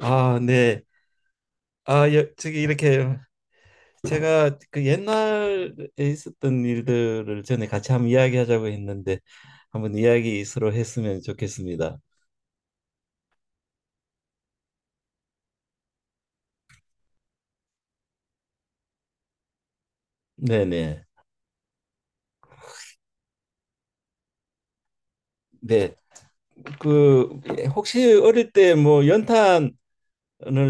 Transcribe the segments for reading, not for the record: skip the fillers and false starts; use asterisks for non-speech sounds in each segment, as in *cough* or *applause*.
아, 네. 아, 여, 저기 이렇게 제가 그 옛날에 있었던 일들을 전에 같이 한번 이야기하자고 했는데 한번 이야기 서로 했으면 좋겠습니다. 네네. 네. 그 혹시 어릴 때 뭐 연탄을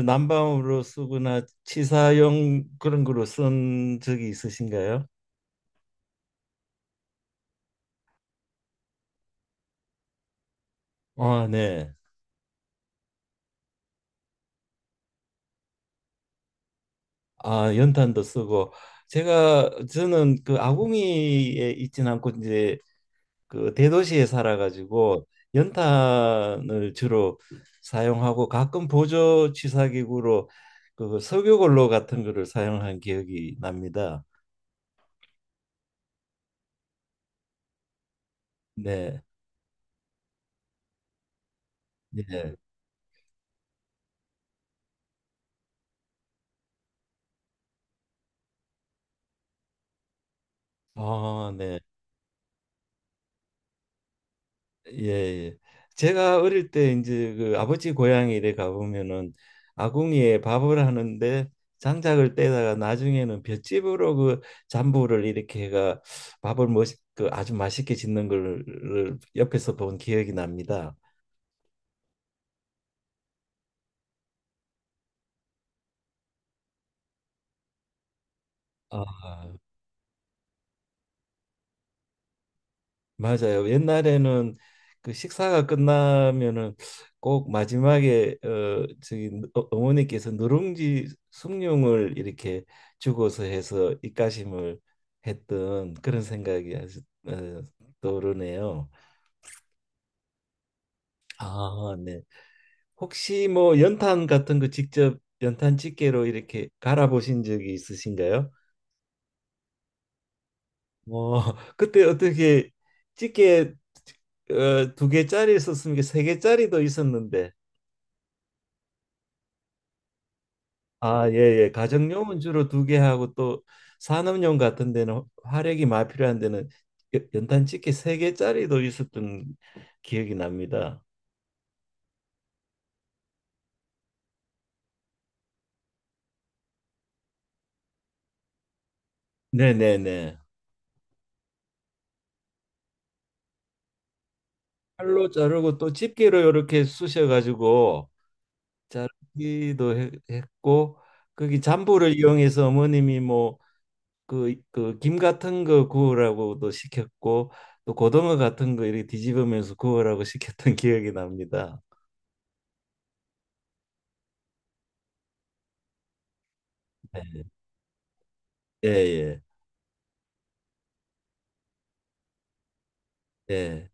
난방으로 쓰거나 치사용 그런 거로 쓴 적이 있으신가요? 아, 네. 아, 연탄도 쓰고 제가 저는 그 아궁이에 있진 않고 이제 그 대도시에 살아가지고 연탄을 주로 사용하고 가끔 보조 취사기구로 그 석유골로 같은 거를 사용한 기억이 납니다. 네, 예, 아, 네, 예, 예. 제가 어릴 때 이제 그 아버지 고향에 이래 가보면은 아궁이에 밥을 하는데 장작을 떼다가 나중에는 볏짚으로 그 잔부를 이렇게 해가 밥을 그 아주 맛있게 짓는 걸 옆에서 본 기억이 납니다. 아, 맞아요. 옛날에는 그 식사가 끝나면은 꼭 마지막에 어머니께서 누룽지 숭늉을 이렇게 주고서 해서 입가심을 했던 그런 생각이 아주 어, 떠오르네요. 아, 네. 혹시 뭐 연탄 같은 거 직접 연탄 집게로 이렇게 갈아 보신 적이 있으신가요? 어, *laughs* 그때 어떻게 찌개 어, 두 개짜리 있었으면 이게 세 개짜리도 있었는데 아, 예, 예. 가정용은 주로 두 개 하고 또 산업용 같은 데는 화력이 많이 필요한 데는 연탄 찌개 세 개짜리도 있었던 기억이 납니다. 네, 네, 네. 칼로 자르고 또 집게로 이렇게 쑤셔 가지고 자르기도 했고 거기 잠불을 이용해서 어머님이 뭐 그 김 같은 거 구우라고도 시켰고 또 고등어 같은 거 이렇게 뒤집으면서 구우라고 시켰던 *laughs* 기억이 납니다. 네. 예, 예, 예.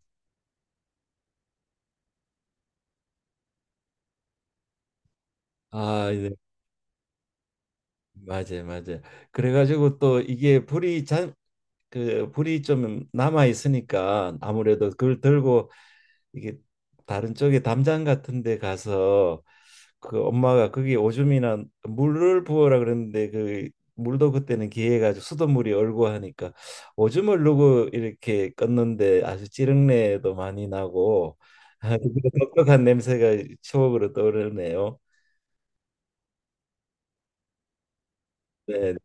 아, 네. 맞아요, 맞아요. 그래가지고 또 이게 그 불이 좀 남아 있으니까 아무래도 그걸 들고 이게 다른 쪽에 담장 같은 데 가서 그 엄마가 거기 오줌이나 물을 부어라 그랬는데 그 물도 그때는 기해가지고 수돗물이 얼고 하니까 오줌을 누고 이렇게 껐는데 아주 찌릉내도 많이 나고 *laughs* 아주 그 독특한 냄새가 추억으로 떠오르네요. 네,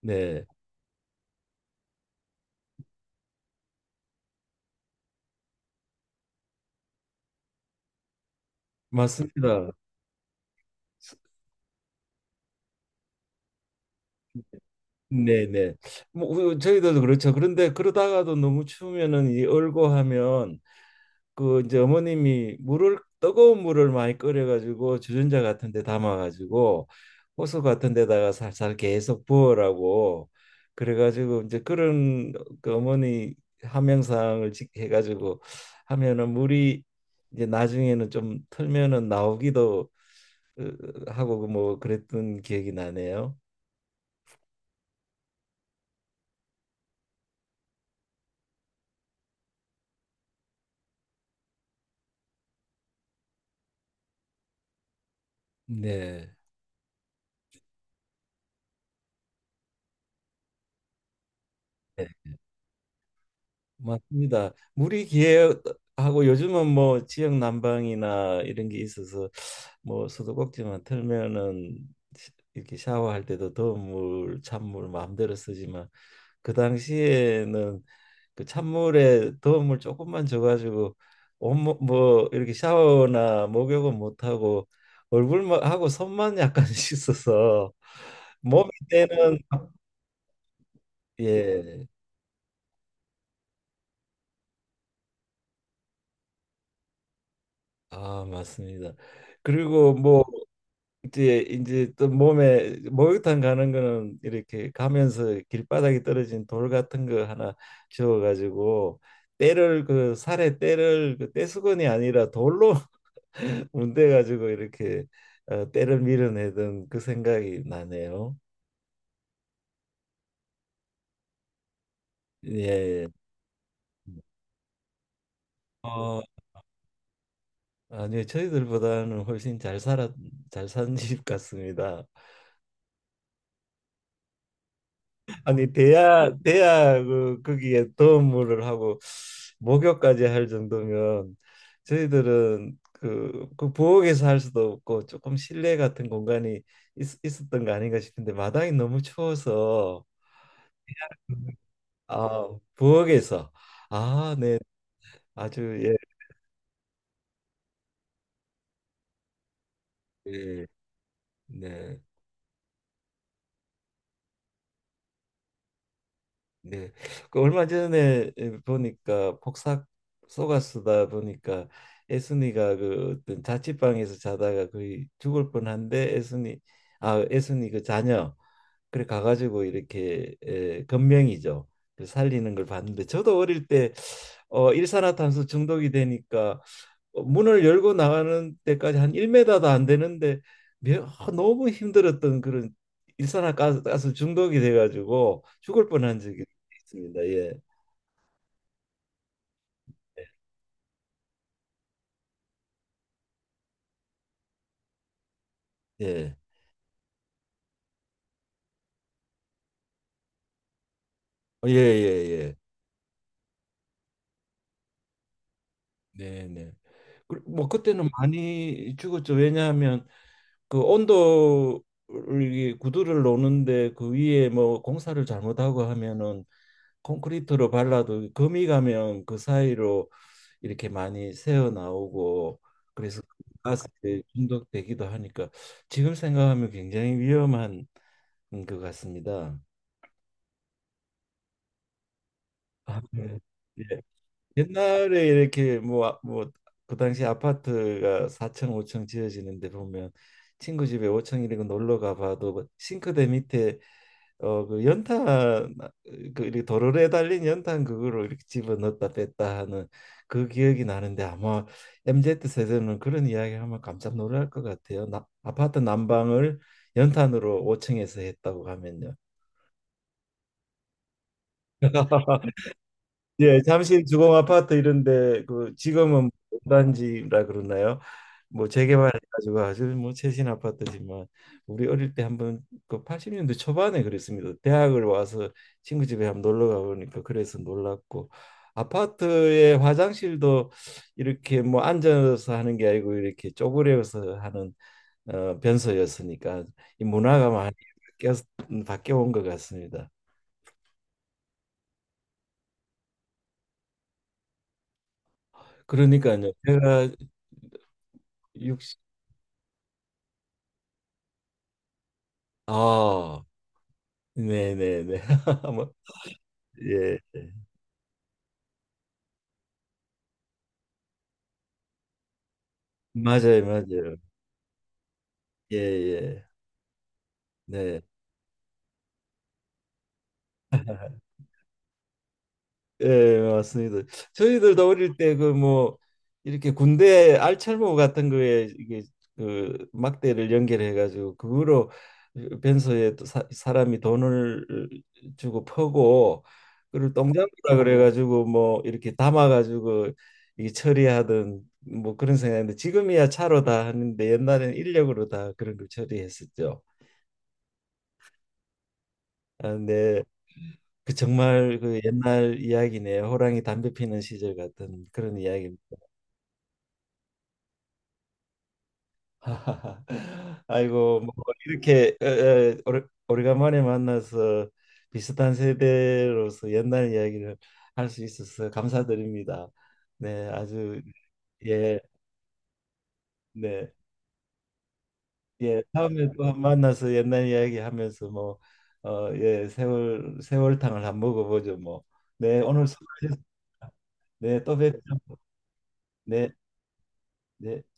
네, 맞습니다. 네, 네. 뭐 저희도 그렇죠. 그런데 그러다가도 너무 추우면은 이 얼고 하면 그 이제 어머님이 물을 뜨거운 물을 많이 끓여가지고 주전자 같은 데 담아가지고 호수 같은 데다가 살살 계속 부어라고 그래가지고 이제 그런 그 어머니 해가지고 하면은 물이 이제 나중에는 좀 틀면은 나오기도 하고 그뭐 그랬던 기억이 나네요. 네. 네, 맞습니다. 물이 귀하고 요즘은 뭐 지역 난방이나 이런 게 있어서 뭐 수도꼭지만 틀면은 이렇게 샤워할 때도 더운 물, 찬물 마음대로 쓰지만 그 당시에는 그 찬물에 더운 물 조금만 줘가지고 온몸 뭐 이렇게 샤워나 목욕은 못하고 얼굴만 하고 손만 약간 *laughs* 씻어서 몸이 때는 예, 아 맞습니다. 그리고 뭐 이제 또 몸에 목욕탕 가는 거는 이렇게 가면서 길바닥에 떨어진 돌 같은 거 하나 주워 가지고 때를 그 살에 때를 그 때수건이 아니라 돌로 *laughs* 문대 가지고 이렇게 때를 밀어내던 그 생각이 나네요. 예. 예. 어, 아니요. 저희들보다는 훨씬 잘 살았 잘 산 *laughs* 집 같습니다. 아니 대야 그 거기에 도움을 하고 목욕까지 할 정도면 저희들은 그 부엌에서 할 수도 없고 조금 실내 같은 공간이 있었던 거 아닌가 싶은데 마당이 너무 추워서 아 부엌에서 아 네 아주 예, 예, 네 네. 그 얼마 전에 보니까 폭삭 속아 쓰다 보니까 애순이가 그 어떤 자취방에서 자다가 거의 죽을 뻔한데 애순이 아 애순이 그 자녀 그래 가가지고 이렇게 에, 건명이죠. 그 살리는 걸 봤는데 저도 어릴 때 일산화탄소 중독이 되니까 문을 열고 나가는 데까지 한 1m도 안 되는데 너무 힘들었던 그런 일산화가스 중독이 돼가지고 죽을 뻔한 적이 맞습니다. 예. 예. 어, 예, 예, 예. 네, 네. 뭐 그때는 많이 죽었죠. 왜냐하면 그 온도를 이게 구두를 놓는데 그 위에 뭐 공사를 잘못하고 하면은 콘크리트로 발라도 거미 가면 그 사이로 이렇게 많이 새어 나오고 그래서 가스에 중독되기도 하니까 지금 생각하면 굉장히 위험한 것 같습니다. 아, 네. 예. 옛날에 이렇게 뭐 아, 뭐그 당시 아파트가 4층 5층 지어지는데 보면 친구 집에 5층 이런 거 놀러 가봐도 그 싱크대 밑에 어 그 연탄 아, 그 이렇게 도로에 달린 연탄 그거를 이렇게 집어 넣었다 뺐다 하는 그 기억이 나는데 아마 MZ 세대는 그런 이야기 하면 깜짝 놀랄 것 같아요. 나, 아파트 난방을 연탄으로 5층에서 했다고 하면요. *laughs* 예, 잠실 주공 아파트 이런데 그 지금은 단지라 그러나요? 뭐 재개발해가지고 아주 뭐 최신 아파트지만 우리 어릴 때 한번 그 80년대 초반에 그랬습니다. 대학을 와서 친구 집에 한번 놀러 가보니까 그래서 놀랐고 아파트의 화장실도 이렇게 뭐 앉아서 하는 게 아니고 이렇게 쪼그려서 하는 변소였으니까 이 문화가 많이 바뀌어 바뀌어 온 것 같습니다. 그러니까요, 제가 60, 아 네네네. *laughs* 아마 예 맞아요 맞아요. 예예 네. 예 맞습니다. 저희들도 어릴 때 그 뭐 이렇게 군대 알찰모 같은 거에 이게 그 막대를 연결해 가지고 그거로 변소에 또 사람이 돈을 주고 퍼고 그걸 똥장구라 그래 가지고 뭐 이렇게 담아 가지고 이 처리하던 뭐 그런 생각인데 지금이야 차로 다 하는데 옛날에는 인력으로 다 그런 걸 처리했었죠. 아, 네. 그 정말 그 옛날 이야기네요. 호랑이 담배 피는 시절 같은 그런 이야기입니다. *laughs* 아이고 뭐 이렇게 에, 에, 오래간만에 만나서 비슷한 세대로서 옛날 이야기를 할 수 있어서 감사드립니다. 네, 아주 예, 네, 예. 다음에 또 한 만나서 옛날 이야기 하면서 뭐 어, 예, 세월탕을 한번 먹어보죠 뭐. 네, 오늘 수고하셨습니다. 네, 또 뵙죠. 네. 네.